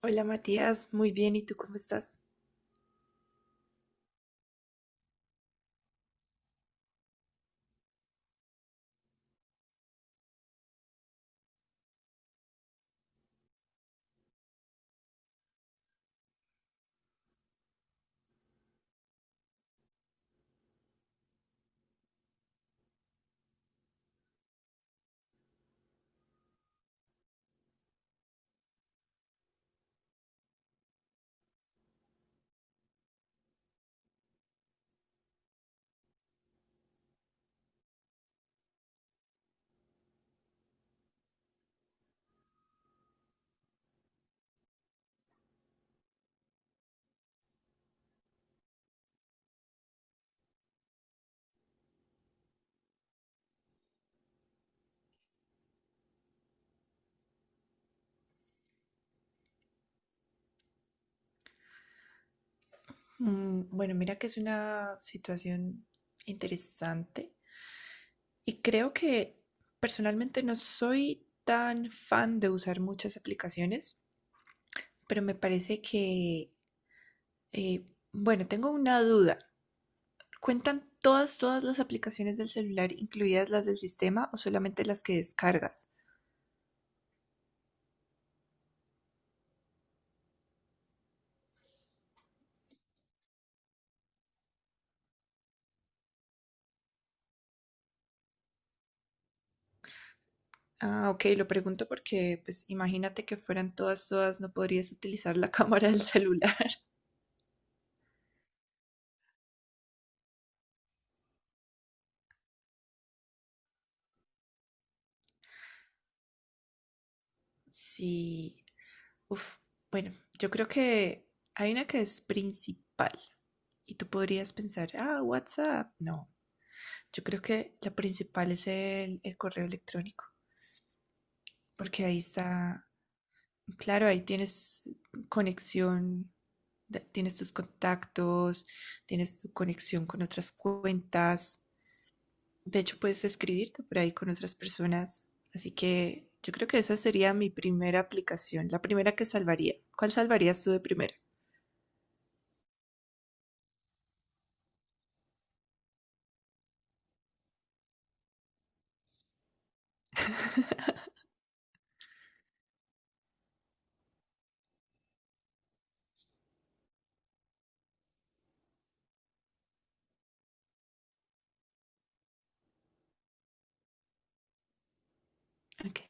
Hola Matías, muy bien, ¿y tú cómo estás? Mm, bueno, mira que es una situación interesante y creo que personalmente no soy tan fan de usar muchas aplicaciones, pero me parece que, eh, bueno, tengo una duda. ¿Cuentan todas las aplicaciones del celular, incluidas las del sistema o solamente las que descargas? Ah, ok, lo pregunto porque, pues, imagínate que fueran todas, todas, no podrías utilizar la cámara del celular. Sí, uf, bueno, yo creo que hay una que es principal y tú podrías pensar, ah, WhatsApp. No, yo creo que la principal es el correo electrónico, porque ahí está, claro, ahí tienes conexión, tienes tus contactos, tienes tu conexión con otras cuentas. De hecho, puedes escribirte por ahí con otras personas. Así que yo creo que esa sería mi primera aplicación, la primera que salvaría. ¿Cuál salvarías tú de primera? Ok.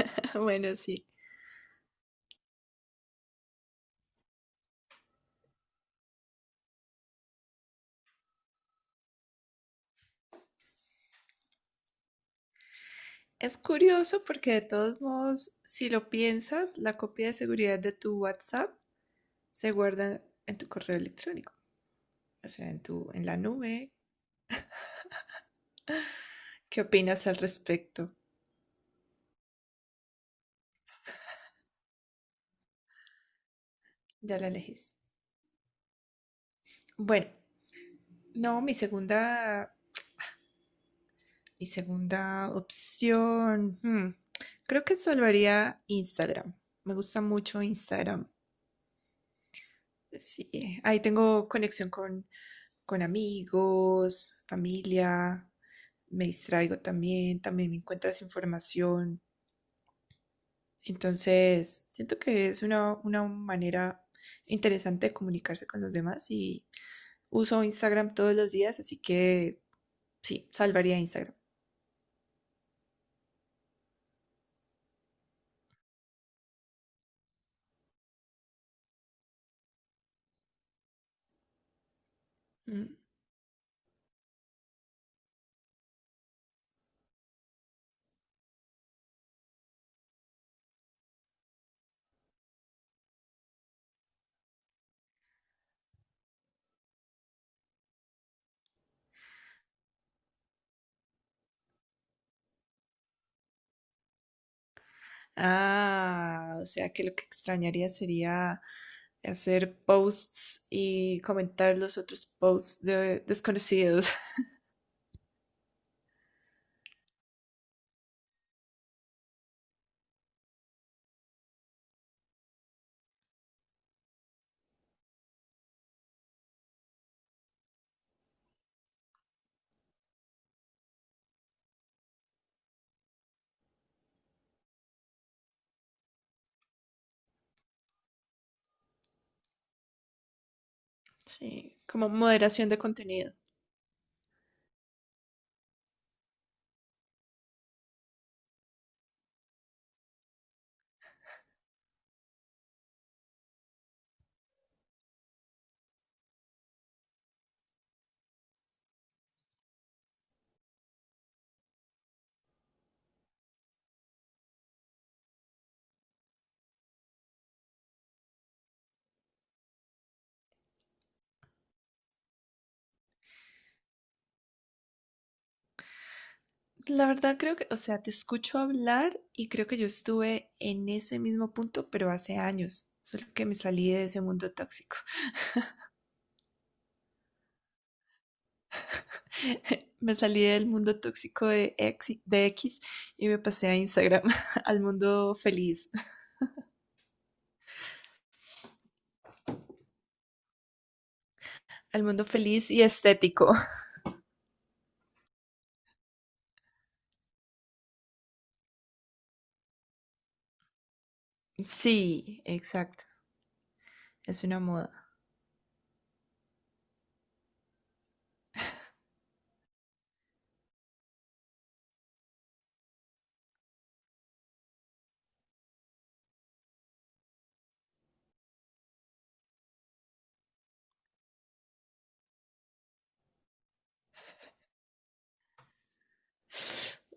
Bueno, sí. Es curioso porque de todos modos, si lo piensas, la copia de seguridad de tu WhatsApp se guarda en tu correo electrónico, o sea, en tu, en la nube. ¿Qué opinas al respecto? Ya la elegís. Bueno, no, mi segunda opción, hmm, creo que salvaría Instagram. Me gusta mucho Instagram. Sí, ahí tengo conexión con amigos, familia, me distraigo también, también encuentras información. Entonces, siento que es una manera interesante de comunicarse con los demás y uso Instagram todos los días, así que sí, salvaría Instagram. Mm. Ah, o sea que lo que extrañaría sería hacer posts y comentar los otros posts de desconocidos. Sí, como moderación de contenido. La verdad creo que, o sea, te escucho hablar y creo que yo estuve en ese mismo punto, pero hace años, solo que me salí de ese mundo tóxico. Me salí del mundo tóxico de X y me pasé a Instagram, al mundo feliz, al mundo feliz y estético. Sí, exacto, es una moda.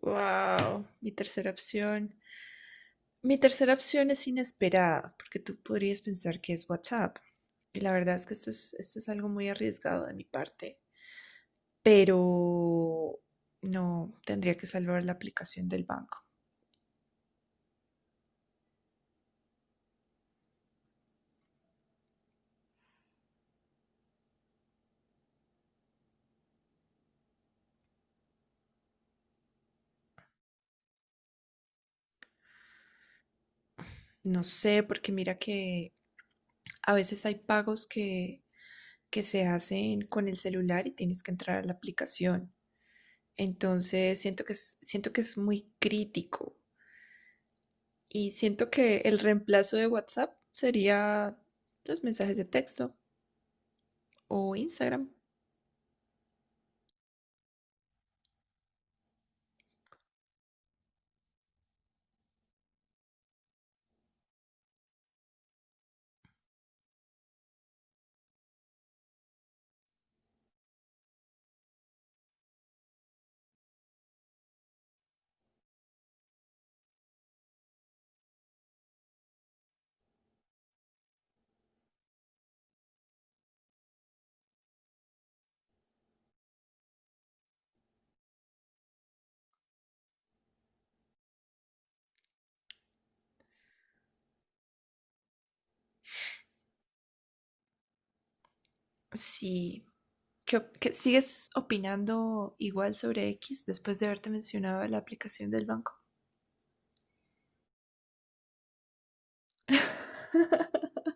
Wow, mi tercera opción. Mi tercera opción es inesperada, porque tú podrías pensar que es WhatsApp. Y la verdad es que esto es algo muy arriesgado de mi parte, pero no tendría que salvar la aplicación del banco. No sé, porque mira que a veces hay que se hacen con el celular y tienes que entrar a la aplicación. Entonces siento que es muy crítico. Y siento que el reemplazo de WhatsApp sería los mensajes de texto o Instagram. Sí. ¿Qué, sigues opinando igual sobre X después de haberte mencionado la aplicación del banco?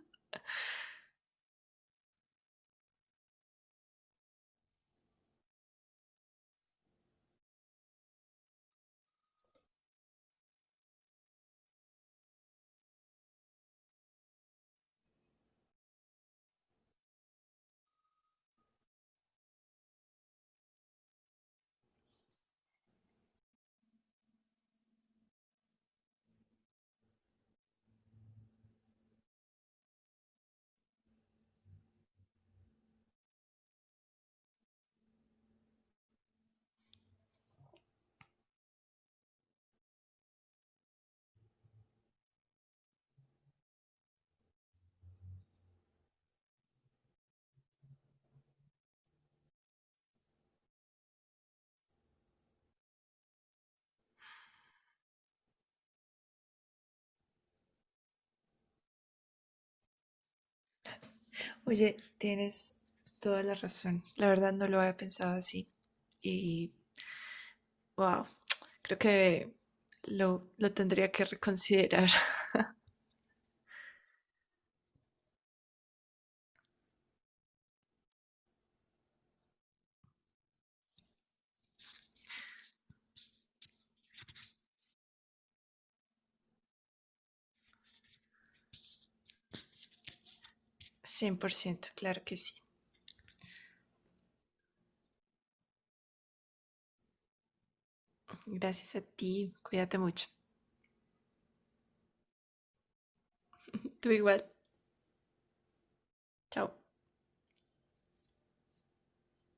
Oye, tienes toda la razón. La verdad no lo había pensado así. Y wow, creo que lo tendría que reconsiderar. 100%, claro que sí. Gracias a ti. Cuídate mucho. Tú igual. Chao.